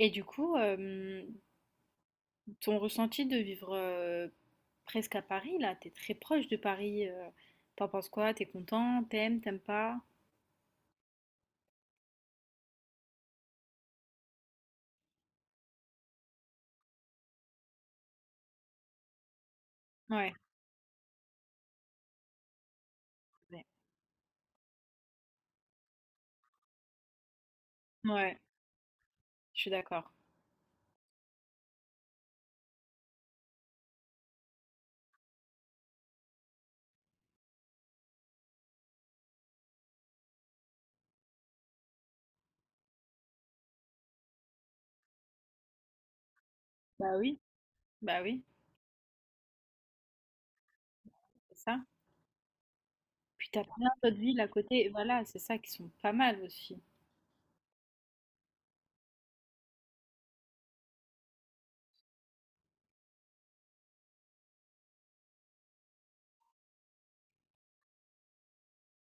Et du coup, ton ressenti de vivre, presque à Paris là, t'es très proche de Paris, tu penses quoi? T'es content? T'aimes pas? Ouais, ouais, ouais, je suis d'accord. Bah oui, bah oui, c'est ça. Puis t'as plein d'autres villes à côté, voilà, c'est ça, qui sont pas mal aussi.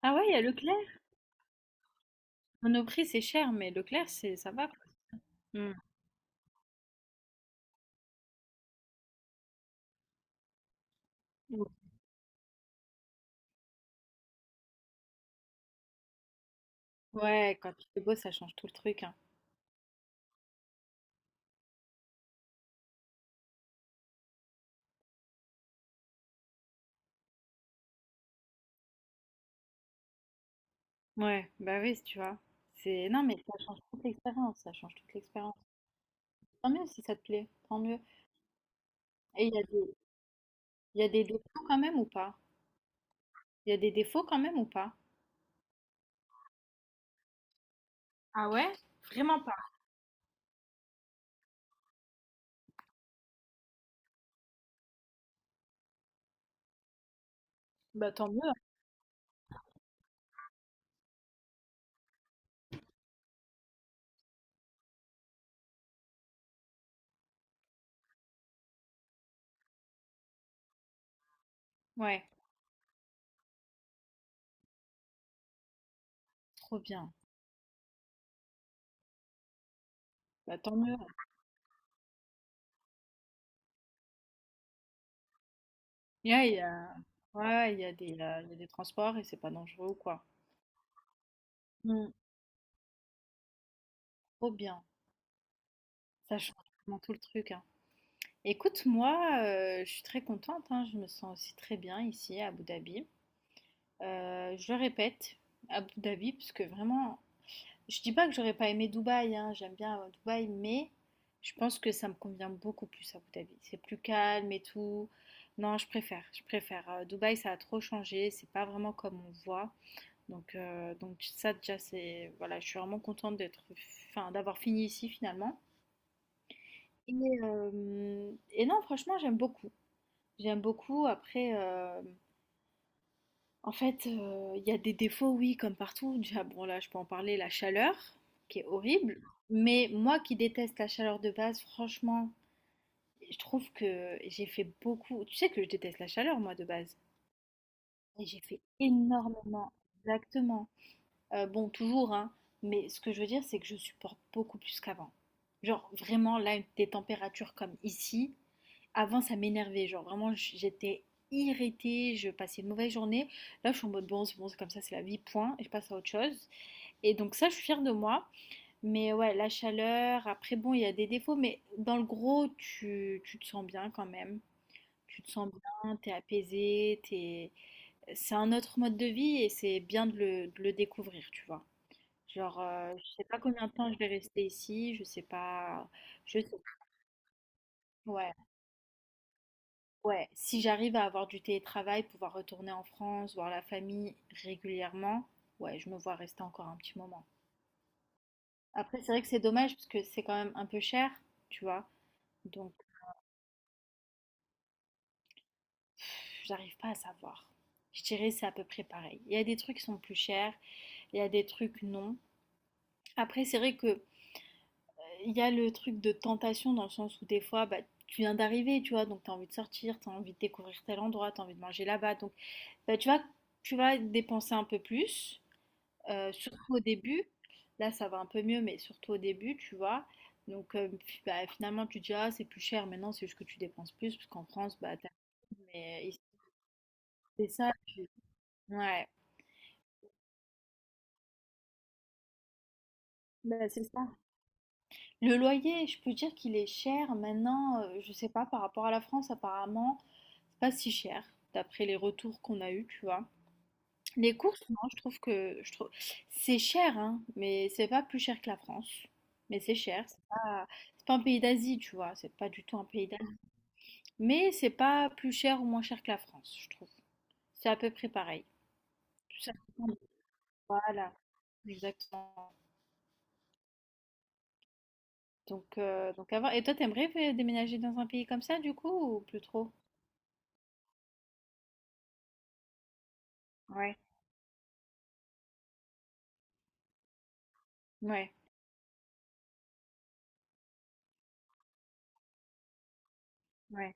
Ah ouais, il y a Leclerc? Monoprix, c'est cher, mais Leclerc, c'est ça va, quoi. Mmh. Ou ouais, quand il fait beau, ça change tout le truc, hein. Ouais, bah oui, tu vois? C'est non, mais ça change toute l'expérience, ça change toute l'expérience. Tant mieux si ça te plaît, tant mieux. Et il y a des, il y a des défauts quand même ou pas? Il y a des défauts quand même ou pas? Ah ouais? Vraiment pas. Bah tant mieux. Ouais, trop bien. Bah tant mieux. Ouais, il y a, ouais, il y a des, il y a des transports et c'est pas dangereux ou quoi. Mm, trop bien. Ça change vraiment tout le truc, hein. Écoute, moi, je suis très contente, hein. Je me sens aussi très bien ici à Abu Dhabi. Je le répète, Abu Dhabi, parce que vraiment, je dis pas que j'aurais pas aimé Dubaï, hein, j'aime bien Dubaï, mais je pense que ça me convient beaucoup plus à Abu Dhabi. C'est plus calme et tout. Non, je préfère, je préfère. Dubaï, ça a trop changé, c'est pas vraiment comme on voit. Donc ça déjà, c'est voilà, je suis vraiment contente d'être, enfin, d'avoir fini ici finalement. Et, et non, franchement, j'aime beaucoup. J'aime beaucoup. Après, en fait, il y a des défauts, oui, comme partout. Déjà, bon, là, je peux en parler, la chaleur, qui est horrible. Mais moi qui déteste la chaleur de base, franchement, je trouve que j'ai fait beaucoup tu sais que je déteste la chaleur, moi, de base. Et j'ai fait énormément exactement. Bon, toujours, hein, mais ce que je veux dire, c'est que je supporte beaucoup plus qu'avant. Genre, vraiment, là, des températures comme ici, avant, ça m'énervait, genre vraiment, j'étais irritée, je passais une mauvaise journée. Là, je suis en mode bon, c'est comme ça, c'est la vie, point, et je passe à autre chose. Et donc, ça, je suis fière de moi. Mais ouais, la chaleur, après, bon, il y a des défauts, mais dans le gros, tu te sens bien quand même. Tu te sens bien, t'es apaisé, t'es... c'est un autre mode de vie et c'est bien de de le découvrir, tu vois. Genre, je sais pas combien de temps je vais rester ici, je sais pas. Je sais. Ouais. Ouais, si j'arrive à avoir du télétravail, pouvoir retourner en France, voir la famille régulièrement, ouais, je me vois rester encore un petit moment. Après, c'est vrai que c'est dommage parce que c'est quand même un peu cher, tu vois. Donc, pff, j'arrive pas à savoir. Je dirais c'est à peu près pareil. Il y a des trucs qui sont plus chers, il y a des trucs non. Après, c'est vrai que il y a le truc de tentation dans le sens où des fois, bah, tu viens d'arriver, tu vois, donc t'as envie de sortir, t'as envie de découvrir tel endroit, t'as envie de manger là-bas, donc bah, tu vas, tu vas dépenser un peu plus. Surtout au début, là ça va un peu mieux, mais surtout au début, tu vois. Donc bah, finalement tu te dis ah c'est plus cher, mais non c'est juste que tu dépenses plus, parce qu'en France, bah t'as mais ici, c'est ça, ouais. Bah, c'est ça. Le loyer, je peux dire qu'il est cher maintenant, je sais pas, par rapport à la France, apparemment, c'est pas si cher, d'après les retours qu'on a eus, tu vois. Les courses, non, je trouve c'est cher, hein, mais c'est pas plus cher que la France. Mais c'est cher, c'est pas un pays d'Asie, tu vois, c'est pas du tout un pays mais c'est pas plus cher ou moins cher que la France, je trouve. C'est à peu près pareil. Ça dépend de- Voilà, exactement. Donc à et toi, t'aimerais déménager dans un pays comme ça, du coup, ou plus trop? Ouais, ouais, ouais,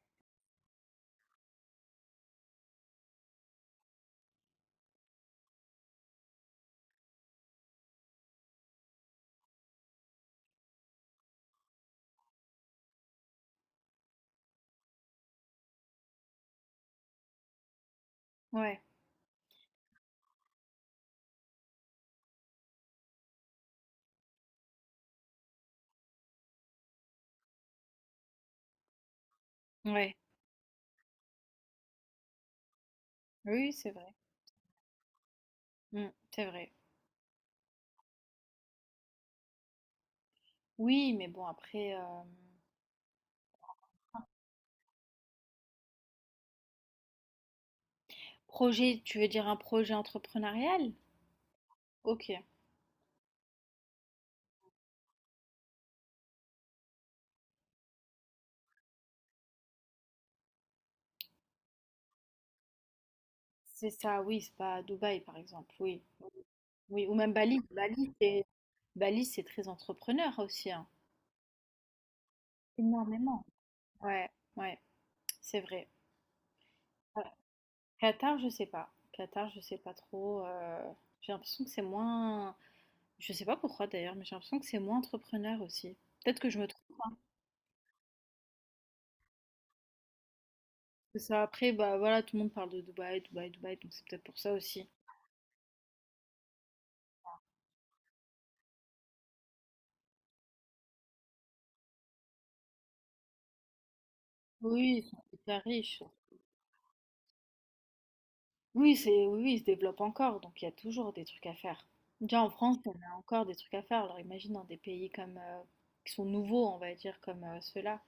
ouais, ouais. Oui, c'est vrai. Mm, c'est vrai. Oui, mais bon, après, projet, tu veux dire un projet entrepreneurial? Ok. C'est ça, oui, c'est pas à Dubaï, par exemple, oui. Oui, ou même Bali. Bali, c'est très entrepreneur aussi, hein. Énormément. Ouais, ouais, c'est vrai. Ouais. Qatar, je sais pas. Qatar, je sais pas trop. J'ai l'impression que c'est moins. Je sais pas pourquoi d'ailleurs, mais j'ai l'impression que c'est moins entrepreneur aussi. Peut-être que je me trompe. Hein. C'est Ça, après, bah voilà, tout le monde parle de Dubaï, Dubaï, Dubaï, donc c'est peut-être pour ça aussi. Oui, ils sont hyper riches. Oui, c'est, oui, oui, ils se développent encore, donc il y a toujours des trucs à faire. Déjà en France, on a encore des trucs à faire. Alors imagine dans des pays comme qui sont nouveaux, on va dire, comme ceux-là.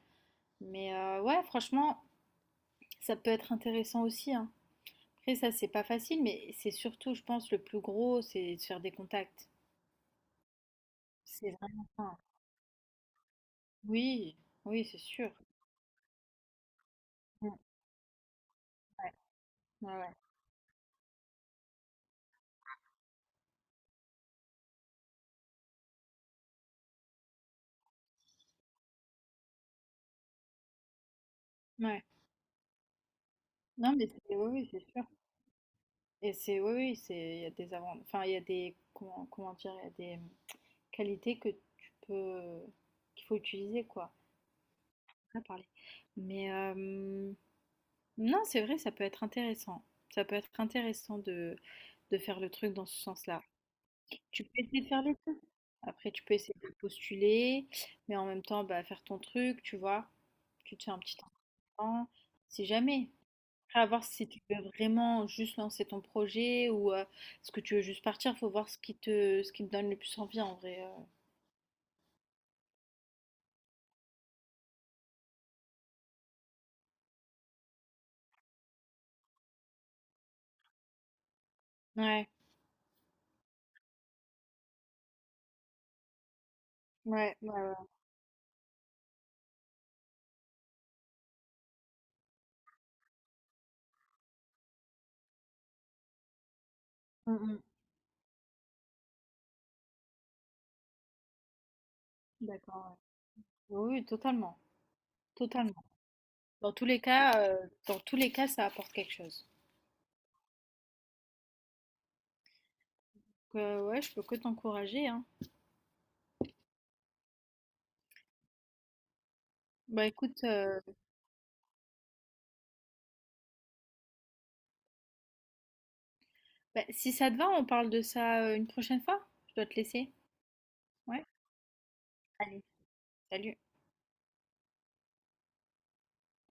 Mais ouais, franchement, ça peut être intéressant aussi, hein. Après ça, c'est pas facile, mais c'est surtout, je pense, le plus gros, c'est de faire des contacts. C'est vraiment ça. Hein. Oui, oui, c'est sûr. Mm, ouais, ouais, ouais. Ouais. Non, mais c'est, oui, oui, c'est sûr. Et c'est, oui, oui, c'est, il y a des avant, enfin, il y a des, comment, comment dire, il y a des qualités que tu peux, qu'il faut utiliser, quoi. On va parler. Mais non, c'est vrai, ça peut être intéressant. Ça peut être intéressant de faire le truc dans ce sens-là. Tu peux essayer de faire les 2. Après, tu peux essayer de postuler, mais en même temps, bah, faire ton truc, tu vois. Tu te fais un petit temps. Si jamais. Après, à voir si tu veux vraiment juste lancer ton projet ou est-ce que tu veux juste partir. Faut voir ce qui te donne le plus envie en vrai. Euh. Ouais, ouais, ouais, ouais. Mm, mm. D'accord, ouais. Oui, oui, totalement. Totalement. Dans tous les cas, dans tous les cas, ça apporte quelque chose. Donc, ouais, je peux que t'encourager, hein. Bah écoute, euh, Bah, si ça te va, on parle de ça une prochaine fois. Je dois te laisser. Ouais. Allez, salut.